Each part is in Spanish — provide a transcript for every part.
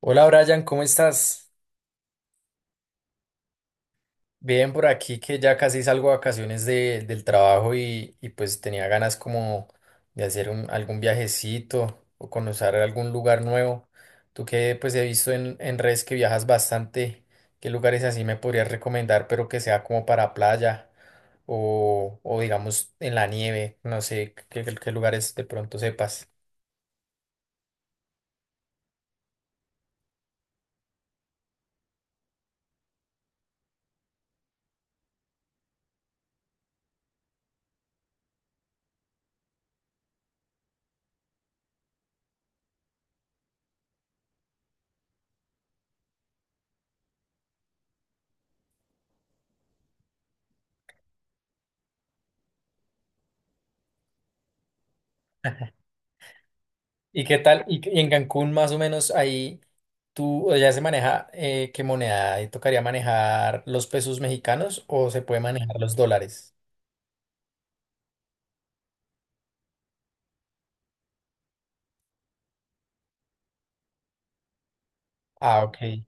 Hola Brian, ¿cómo estás? Bien por aquí que ya casi salgo de vacaciones del trabajo y pues tenía ganas como de hacer algún viajecito o conocer algún lugar nuevo. Tú que pues he visto en redes que viajas bastante, ¿qué lugares así me podrías recomendar, pero que sea como para playa o digamos en la nieve? No sé qué lugares de pronto sepas. ¿Y qué tal? ¿Y en Cancún más o menos ahí? ¿Tú ya se maneja qué moneda? ¿Tocaría manejar los pesos mexicanos o se puede manejar los dólares? Ah, ok.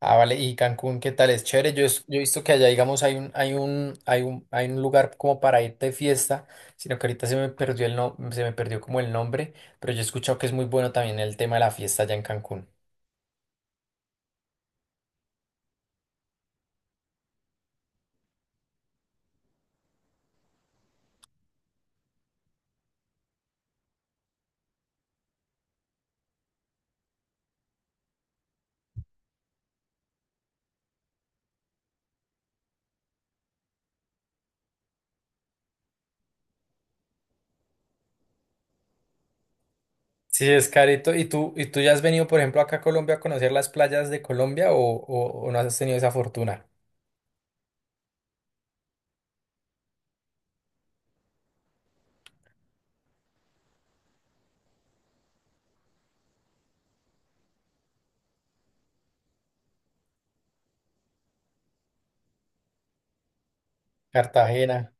Ah, vale. ¿Y Cancún qué tal? Es chévere. Yo he visto que allá, digamos, hay un lugar como para irte de fiesta, sino que ahorita se me perdió el no, se me perdió como el nombre, pero yo he escuchado que es muy bueno también el tema de la fiesta allá en Cancún. Sí, es carito. ¿Y tú ya has venido, por ejemplo, acá a Colombia a conocer las playas de Colombia o, o no has tenido esa fortuna? Cartagena.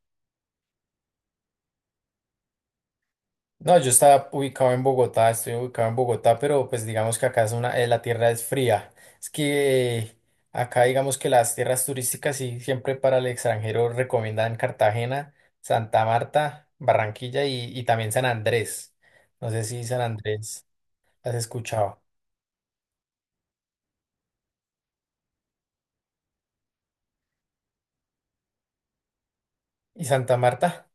No, yo estaba ubicado en Bogotá, estoy ubicado en Bogotá, pero pues digamos que acá es una, la tierra es fría. Es que acá digamos que las tierras turísticas sí siempre para el extranjero recomiendan Cartagena, Santa Marta, Barranquilla y también San Andrés. No sé si San Andrés has escuchado. ¿Y Santa Marta?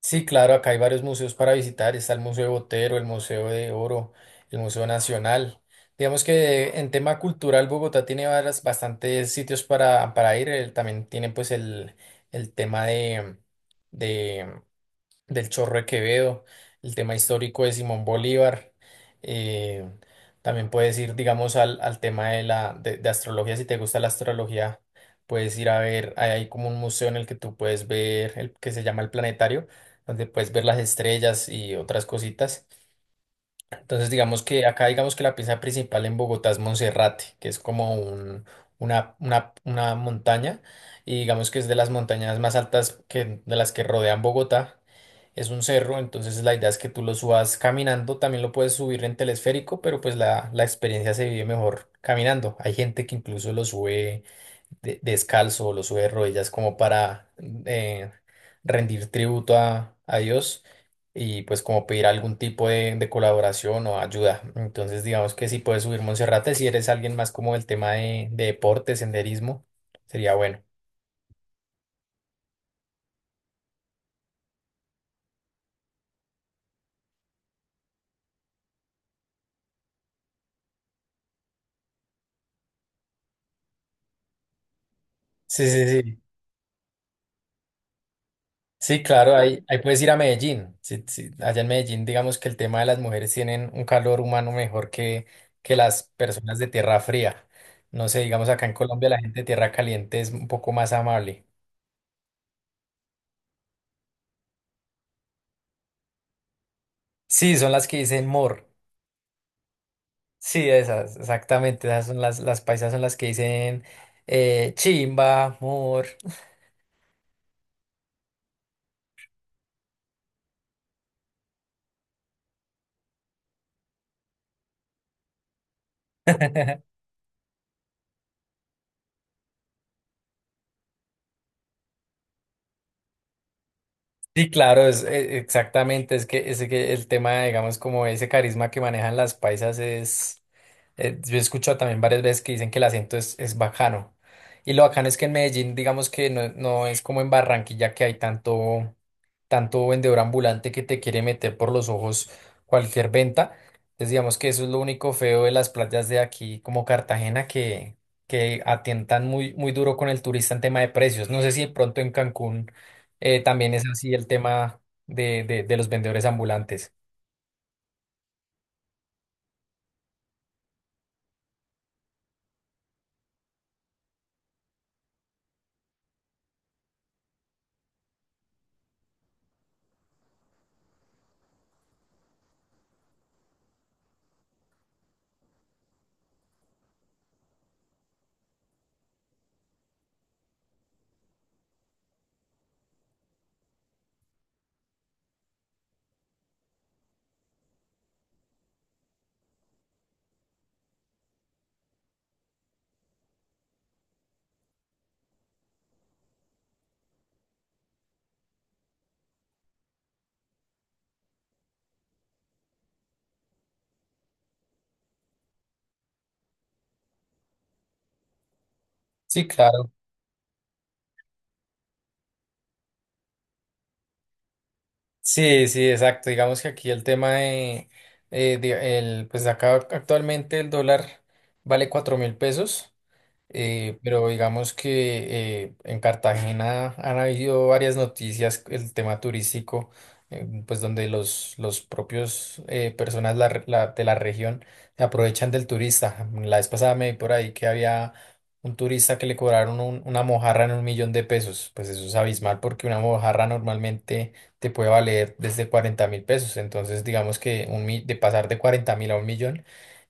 Sí, claro, acá hay varios museos para visitar. Está el Museo de Botero, el Museo de Oro, el Museo Nacional. Digamos que en tema cultural, Bogotá tiene bastantes sitios para, ir. También tiene pues el tema del Chorro de Quevedo, el tema histórico de Simón Bolívar. eh, también puedes ir, digamos, al tema de astrología. Si te gusta la astrología, puedes ir a ver, hay como un museo en el que tú puedes ver el que se llama el planetario, donde puedes ver las estrellas y otras cositas. Entonces, digamos que acá, digamos que la pieza principal en Bogotá es Monserrate, que es como una montaña, y digamos que es de las montañas más altas que, de las que rodean Bogotá. Es un cerro, entonces la idea es que tú lo subas caminando, también lo puedes subir en telesférico, pero pues la experiencia se vive mejor caminando. Hay gente que incluso lo sube descalzo, lo sube de rodillas como para eh, rendir tributo a Dios y pues como pedir algún tipo de colaboración o ayuda. Entonces digamos que si puedes subir Monserrate, si eres alguien más como el tema de deporte, senderismo, sería bueno. Sí, sí, sí. Sí, claro, ahí puedes ir a Medellín. Sí, sí. Allá en Medellín, digamos que el tema de las mujeres tienen un calor humano mejor que las personas de tierra fría. No sé, digamos acá en Colombia la gente de tierra caliente es un poco más amable. Sí, son las que dicen mor. Sí, esas, exactamente. Esas son las, paisas son las que dicen chimba, mor. Sí, claro, es, exactamente. Es que el tema, digamos, como ese carisma que manejan las paisas es. Yo he escuchado también varias veces que dicen que el acento es bacano. Y lo bacano es que en Medellín, digamos que no, no es como en Barranquilla que hay tanto. Tanto vendedor ambulante que te quiere meter por los ojos cualquier venta. Entonces digamos que eso es lo único feo de las playas de aquí como Cartagena que atientan muy, muy duro con el turista en tema de precios. No sé si de pronto en Cancún también es así el tema de los vendedores ambulantes. Sí, claro. Sí, sí, exacto. Digamos que aquí el tema pues acá actualmente el dólar vale 4.000 pesos. Pero digamos que en Cartagena han habido varias noticias, el tema turístico, pues donde los propios personas de la región se aprovechan del turista. La vez pasada me vi por ahí que había un turista que le cobraron una mojarra en 1.000.000 de pesos. Pues eso es abismal porque una mojarra normalmente te puede valer desde 40.000 pesos. Entonces digamos que de pasar de 40.000 a 1.000.000,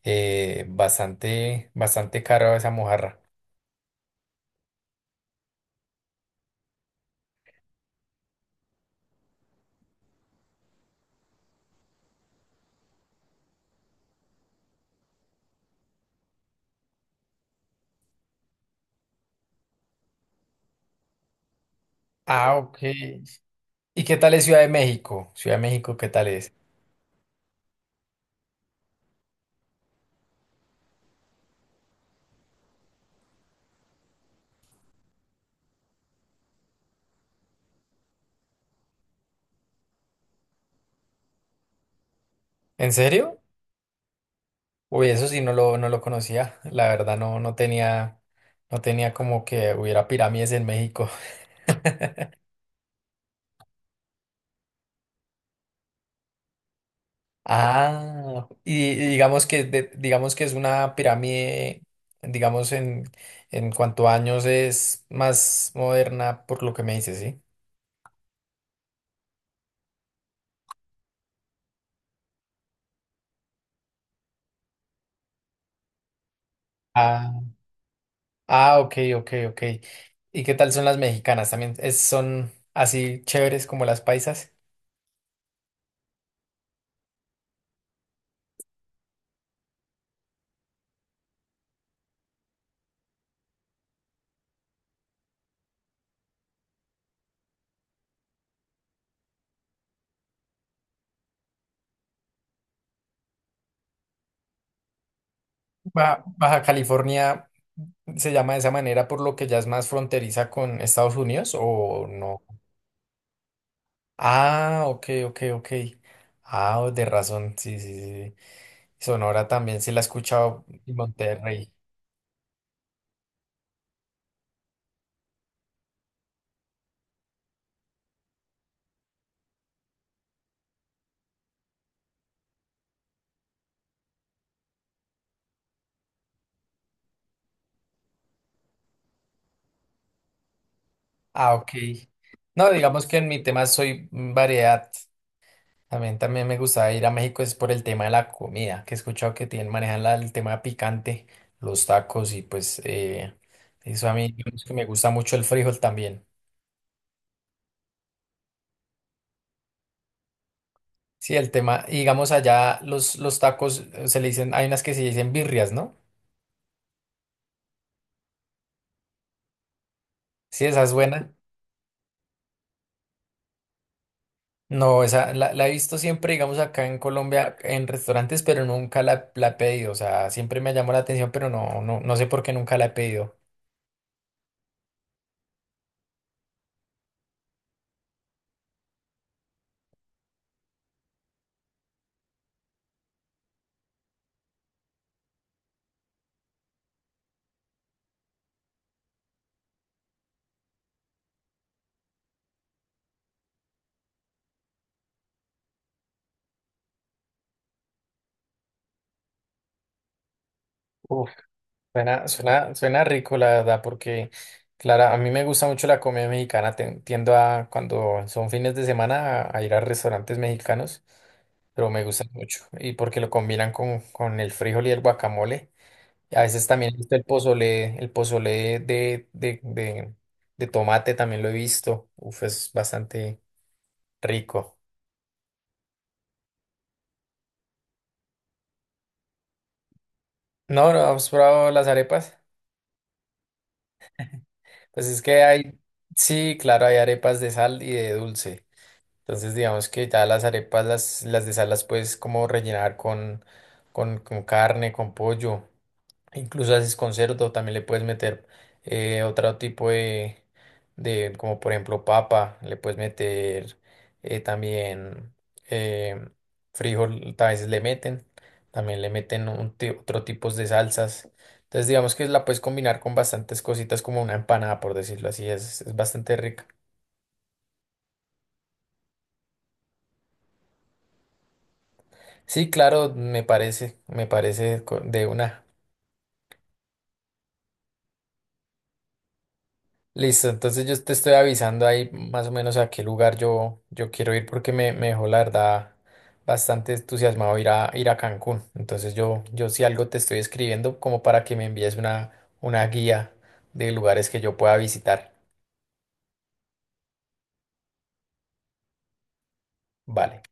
bastante, bastante caro esa mojarra. Ah, ok. ¿Y qué tal es Ciudad de México? Ciudad de México, ¿qué tal es? ¿En serio? Uy, eso sí no lo conocía. La verdad no, no tenía como que hubiera pirámides en México. Ah, y digamos que digamos que es una pirámide, digamos en, cuanto a años es más moderna por lo que me dices, ¿sí? Ah, ah, ok, ok, ok. ¿Y qué tal son las mexicanas? ¿También son así chéveres como las paisas? Baja California se llama de esa manera por lo que ya es más fronteriza con Estados Unidos o no. Ah, ok, ok, ok. Ah, oh, de razón, sí, sí, sí. Sí. Sonora también sí la he escuchado y Monterrey. Ah, ok. No, digamos que en mi tema soy variedad. También me gusta ir a México es por el tema de la comida, que he escuchado que tienen, manejan el tema picante, los tacos y pues eso a mí, digamos que me gusta mucho el frijol también. Sí, el tema, y digamos allá los tacos se le dicen, hay unas que se dicen birrias, ¿no? Sí, esa es buena. No, esa la he visto siempre, digamos, acá en Colombia, en restaurantes, pero nunca la he pedido. O sea, siempre me llamó la atención, pero no, no, no sé por qué nunca la he pedido. Uf, suena rico, la verdad, porque, claro, a mí me gusta mucho la comida mexicana. Tiendo a, cuando son fines de semana, a ir a restaurantes mexicanos, pero me gustan mucho. Y porque lo combinan con el frijol y el guacamole. A veces también he visto el pozole de tomate, también lo he visto. Uf, es bastante rico. No, no, ¿has probado las arepas? Pues es que sí, claro, hay arepas de sal y de dulce. Entonces, digamos que ya las arepas, las de sal las puedes como rellenar con carne, con pollo. Incluso haces concierto, también le puedes meter otro tipo de, como por ejemplo papa, le puedes meter también eh, frijol, a veces le meten, también le meten otro tipo de salsas. Entonces digamos que la puedes combinar con bastantes cositas como una empanada, por decirlo así, es bastante rica. Sí, claro, me parece de una. Listo, entonces yo te estoy avisando ahí más o menos a qué lugar yo quiero ir porque me dejó la verdad bastante entusiasmado ir a Cancún. Entonces yo si algo te estoy escribiendo como para que me envíes una guía de lugares que yo pueda visitar. Vale.